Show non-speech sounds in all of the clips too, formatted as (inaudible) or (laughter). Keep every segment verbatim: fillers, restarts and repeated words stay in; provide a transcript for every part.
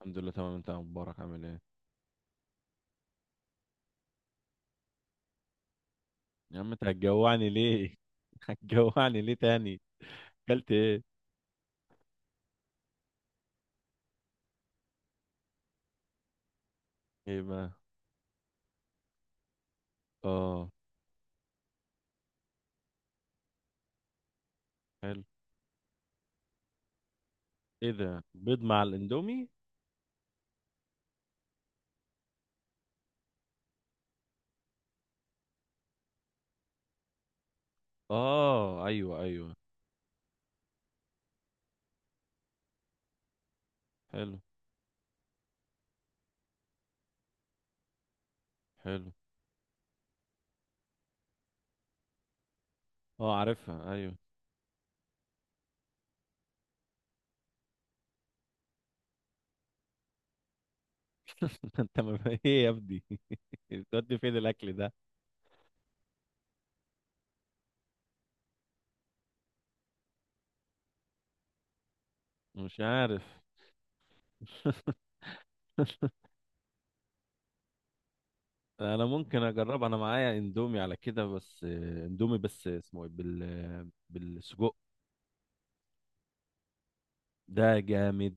الحمد لله، تمام. انت يا مبارك عامل ايه؟ يا عم انت هتجوعني ليه؟ (laughs) هتجوعني ليه تاني؟ اكلت ايه؟ ايه بقى؟ اه. حلو. ايه ده؟ بيض مع الاندومي؟ اه، ايوه، ايوه. حلو، حلو. اه، عارفها، ايوه. (laughs) انت ما في ايه يا ابني؟ بتودي فين الاكل ده؟ مش عارف. (laughs) انا ممكن اجرب، انا معايا اندومي على كده بس آه، اندومي، بس اسمه ايه، بال بالسجق. ده جامد.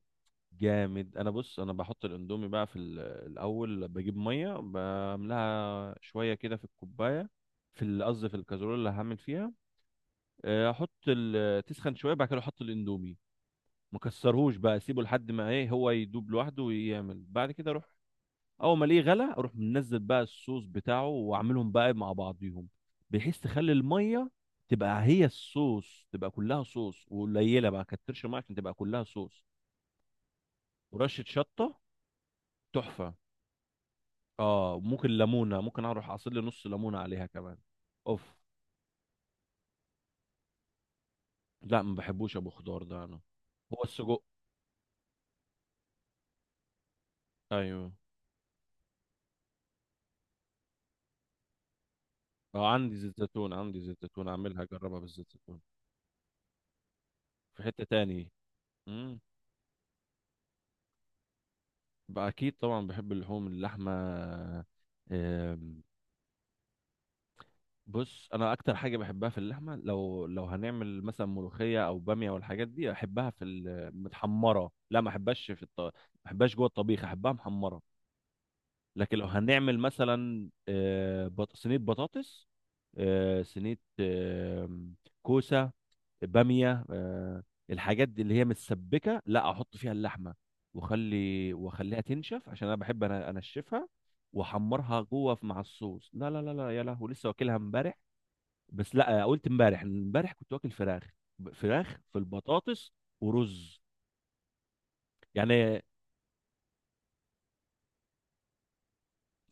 جامد. انا، بص، انا بحط الاندومي بقى في ال- الاول، بجيب ميه بملاها شويه كده في الكوبايه. في ال- قصدي في الكازرول اللي هعمل فيها. آه، احط ال- تسخن شويه بعد كده احط الاندومي. ما كسرهوش بقى، اسيبه لحد ما، ايه، هو يدوب لوحده ويعمل. بعد كده اروح اول ما الاقيه غلى، اروح منزل بقى الصوص بتاعه واعملهم بقى مع بعضيهم. بحيث تخلي الميه تبقى هي الصوص، تبقى كلها صوص. وقليله بقى كترش الميه عشان تبقى كلها صوص. ورشه شطه. تحفه. اه، ممكن ليمونه، ممكن اروح اعصر لي نص ليمونه عليها كمان. اوف. لا، ما بحبوش ابو خضار ده انا. هو السجق؟ ايوه. اه، عندي زيت زيتون، عندي زيت زيتون، اعملها، اجربها بالزيت زيتون. في حته تاني. امم. بقى اكيد طبعا بحب اللحوم، اللحمه. آم، بص، انا اكتر حاجه بحبها في اللحمه، لو لو هنعمل مثلا ملوخيه او باميه والحاجات دي احبها في المتحمره. لا، ما احبهاش في الط... ما احبهاش جوه الطبيخ، احبها محمره. لكن لو هنعمل مثلا آه، بط- صينيه بطاطس، آه، صينيه، آه، كوسه، باميه، آه، الحاجات دي اللي هي متسبكه، لا احط فيها اللحمه. واخلي واخليها تنشف، عشان انا بحب، انا انشفها واحمرها جوه في- مع الصوص. لا، لا، لا، لا، يا لهوي، لسه واكلها امبارح. بس لا، آه، قلت امبارح امبارح كنت واكل فراخ، ب- فراخ في البطاطس. ورز. يعني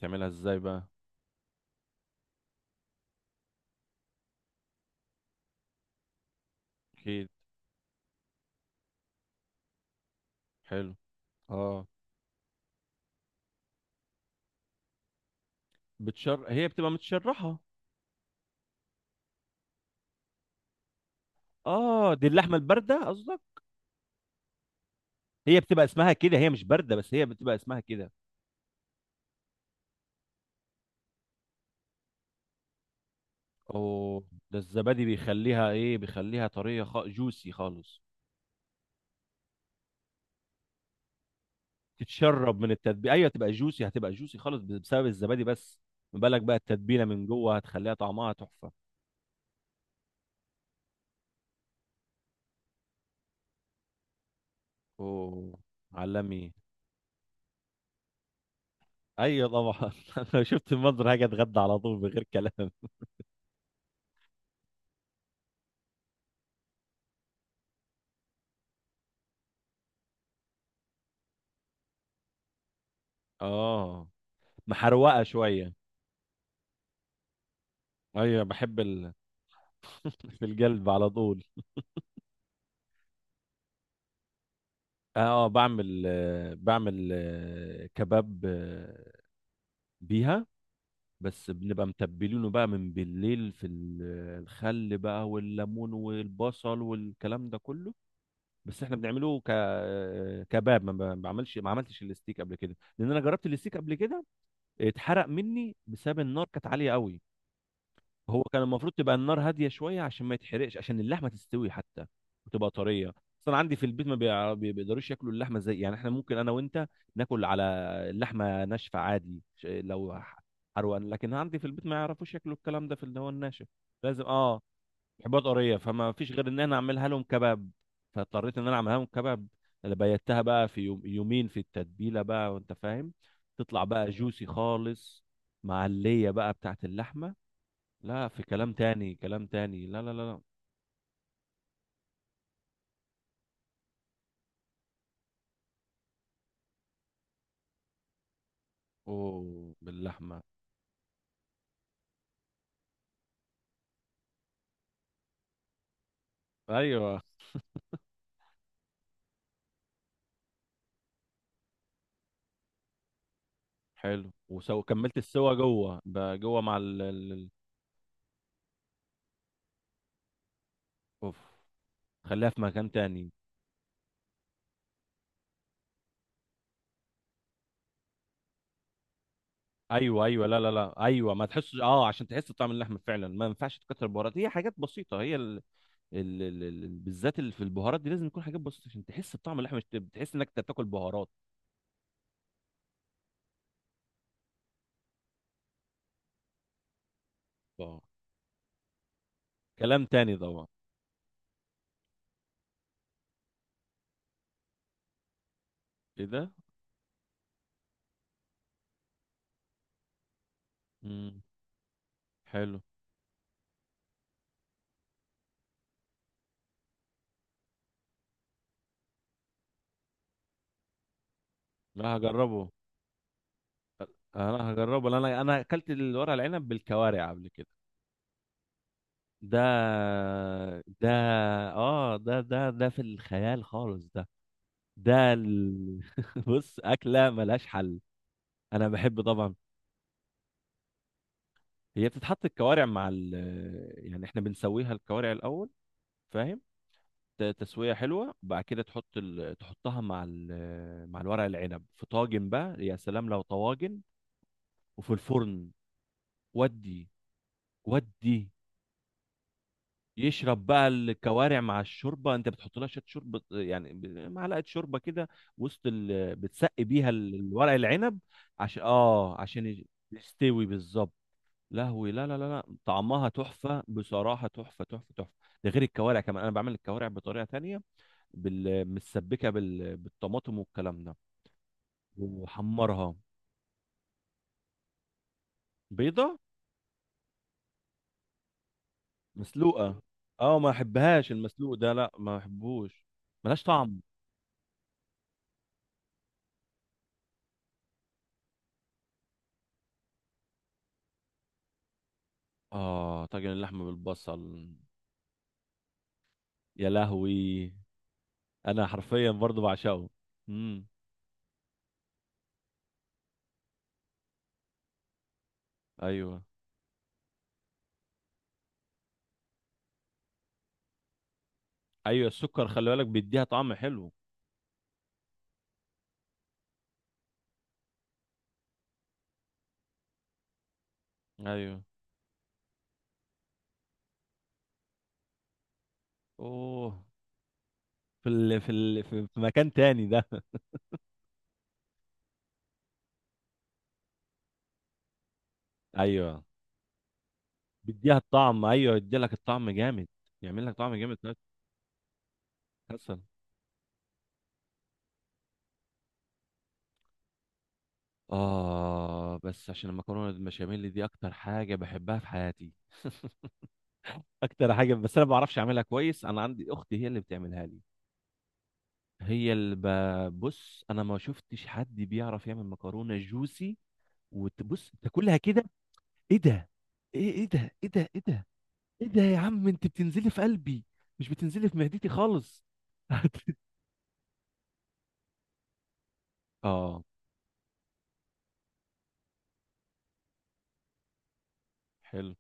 تعملها ازاي بقى؟ اكيد. حلو. اه، بتشر هي بتبقى متشرحه. اه، دي اللحمه البارده قصدك؟ هي بتبقى اسمها كده. هي مش بارده، بس هي بتبقى اسمها كده. اوه. ده الزبادي بيخليها ايه بيخليها طريه، خ... جوسي خالص. تتشرب من التتبيله، ايوه، تبقى جوسي، هتبقى جوسي خالص بسبب الزبادي بس. ما بالك بقى التتبيله من جوه، هتخليها طعمها تحفه. اوه. عالمي. ايوه، طبعا. (laughs) انا لو شفت المنظر هاجي اتغدى على طول بغير كلام. اه. محروقه شويه. ايوه، بحب ال... (laughs) في القلب على طول. اه، بعمل آه، بعمل آه، كباب آه، بيها. بس بنبقى متبلينه بقى من بالليل في ال- آه، الخل بقى والليمون والبصل والكلام ده كله. بس احنا بنعمله ك آه، كباب. ما ب- بعملش ما عملتش الستيك قبل كده، لان انا جربت الستيك قبل كده، اتحرق مني بسبب النار كانت عالية قوي. هو كان المفروض تبقى النار هاديه شويه عشان ما يتحرقش، عشان اللحمه تستوي حتى وتبقى طريه. اصلا عندي في البيت ما بيع- بي- بيقدروش ياكلوا اللحمه زي يعني احنا، ممكن انا وانت ناكل على اللحمه ناشفه عادي، ش- لو ح- حروقان. لكن عندي في البيت ما يعرفوش ياكلوا الكلام ده في اللي هو الناشف. لازم، اه. حبات طريه، فما فيش غير ان انا اعملها لهم كباب. فاضطريت ان انا اعملها لهم كباب اللي بيتها بقى في يوم يومين في التتبيله بقى، وانت فاهم. تطلع بقى جوسي خالص، مع الليه بقى بتاعت اللحمه. لا، في كلام تاني، كلام تاني. لا، لا، لا، لا. اوه، باللحمه. ايوه، حلو. وسو كملت السوا جوه، ب- جوه مع ال ال- ال- اوف. خليها في مكان تاني. ايوه، ايوه، لا، لا، لا، ايوه، ما تحسش. اه، عشان تحس بطعم اللحمه فعلا، ما ينفعش تكتر بهارات، هي حاجات بسيطه، هي ال... ال... ال... ال... ال- بالذات. اللي في البهارات دي لازم يكون حاجات بسيطه عشان تحس بطعم اللحمه، مش ت- بتحس انك تاكل بهارات. اه، كلام تاني طبعا. ايه ده؟ امم. حلو. لا، هجربه. انا هجربه لأن انا انا اكلت الورق العنب بالكوارع قبل كده. ده، ده اه ده ده ده في الخيال خالص، ده. ده ال... (laughs) بص، اكله ملهاش حل. انا بحب طبعا. هي بتتحط الكوارع مع ال... يعني احنا بنسويها الكوارع الاول، فاهم؟ ت- تسويه حلوه. بعد كده تحط ال... تحطها مع ال... مع الورق العنب في طاجن بقى. يا سلام لو طواجن وفي الفرن. ودي ودي يشرب بقى الكوارع مع الشوربه. انت بتحط لها شويه شوربه يعني ب- معلقه شوربه كده وسط ال... بتسقي بيها ال- الورق العنب عشان، اه عشان يج- يستوي، بالظبط. لهوي، لا، لا، لا، لا، طعمها تحفه بصراحه، تحفه، تحفه، تحفه. ده غير الكوارع كمان، انا بعمل الكوارع بطريقه تانية. بال... متسبكه بال... بالطماطم والكلام ده، وحمرها. بيضه مسلوقه. اه، ما احبهاش المسلوق ده، لا، ما احبوش. ملهاش طعم. اه، طاجن اللحمه بالبصل. يا لهوي. انا حرفيا برضو بعشقه. امم. ايوه، ايوه، السكر خلي بالك بيديها طعم حلو. ايوه. اوه. في ال... في ال... في في مكان تاني ده. (laughs) ايوه، بيديها الطعم، ايوه، يدي لك الطعم جامد. يعمل لك طعم جامد. حسن. اه، بس عشان المكرونه البشاميل دي اكتر حاجه بحبها في حياتي. (laughs) اكتر حاجه، بس انا ما بعرفش اعملها كويس، انا عندي اختي هي اللي بتعملها لي. هي اللي ب- بص، انا ما شفتش حد بيعرف يعمل مكرونه جوسي وتبص تاكلها كده. ايه ده؟ ايه ايه ده، ايه ده، ايه ده، ايه ده، يا عم انت بتنزلي في قلبي، مش بتنزلي في معدتي خالص. (laughs) اه، حلو.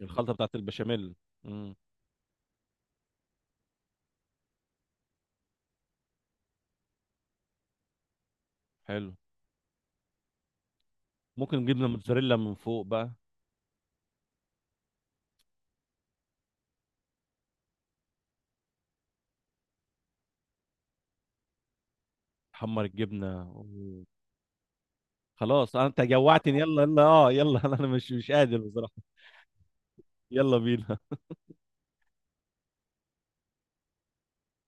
الخلطة بتاعت البشاميل. امم. حلو. ممكن جبنة موتزاريلا من فوق بقى. تحمر الجبنة، أوه. خلاص، آه، انت جوعتني، يلا، يلا، اه، يلا. (laughs) انا مش مش قادر بصراحة. يلا بينا.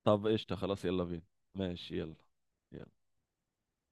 طب، قشطة، خلاص، يلا بينا. ماشي، يلا. يلا.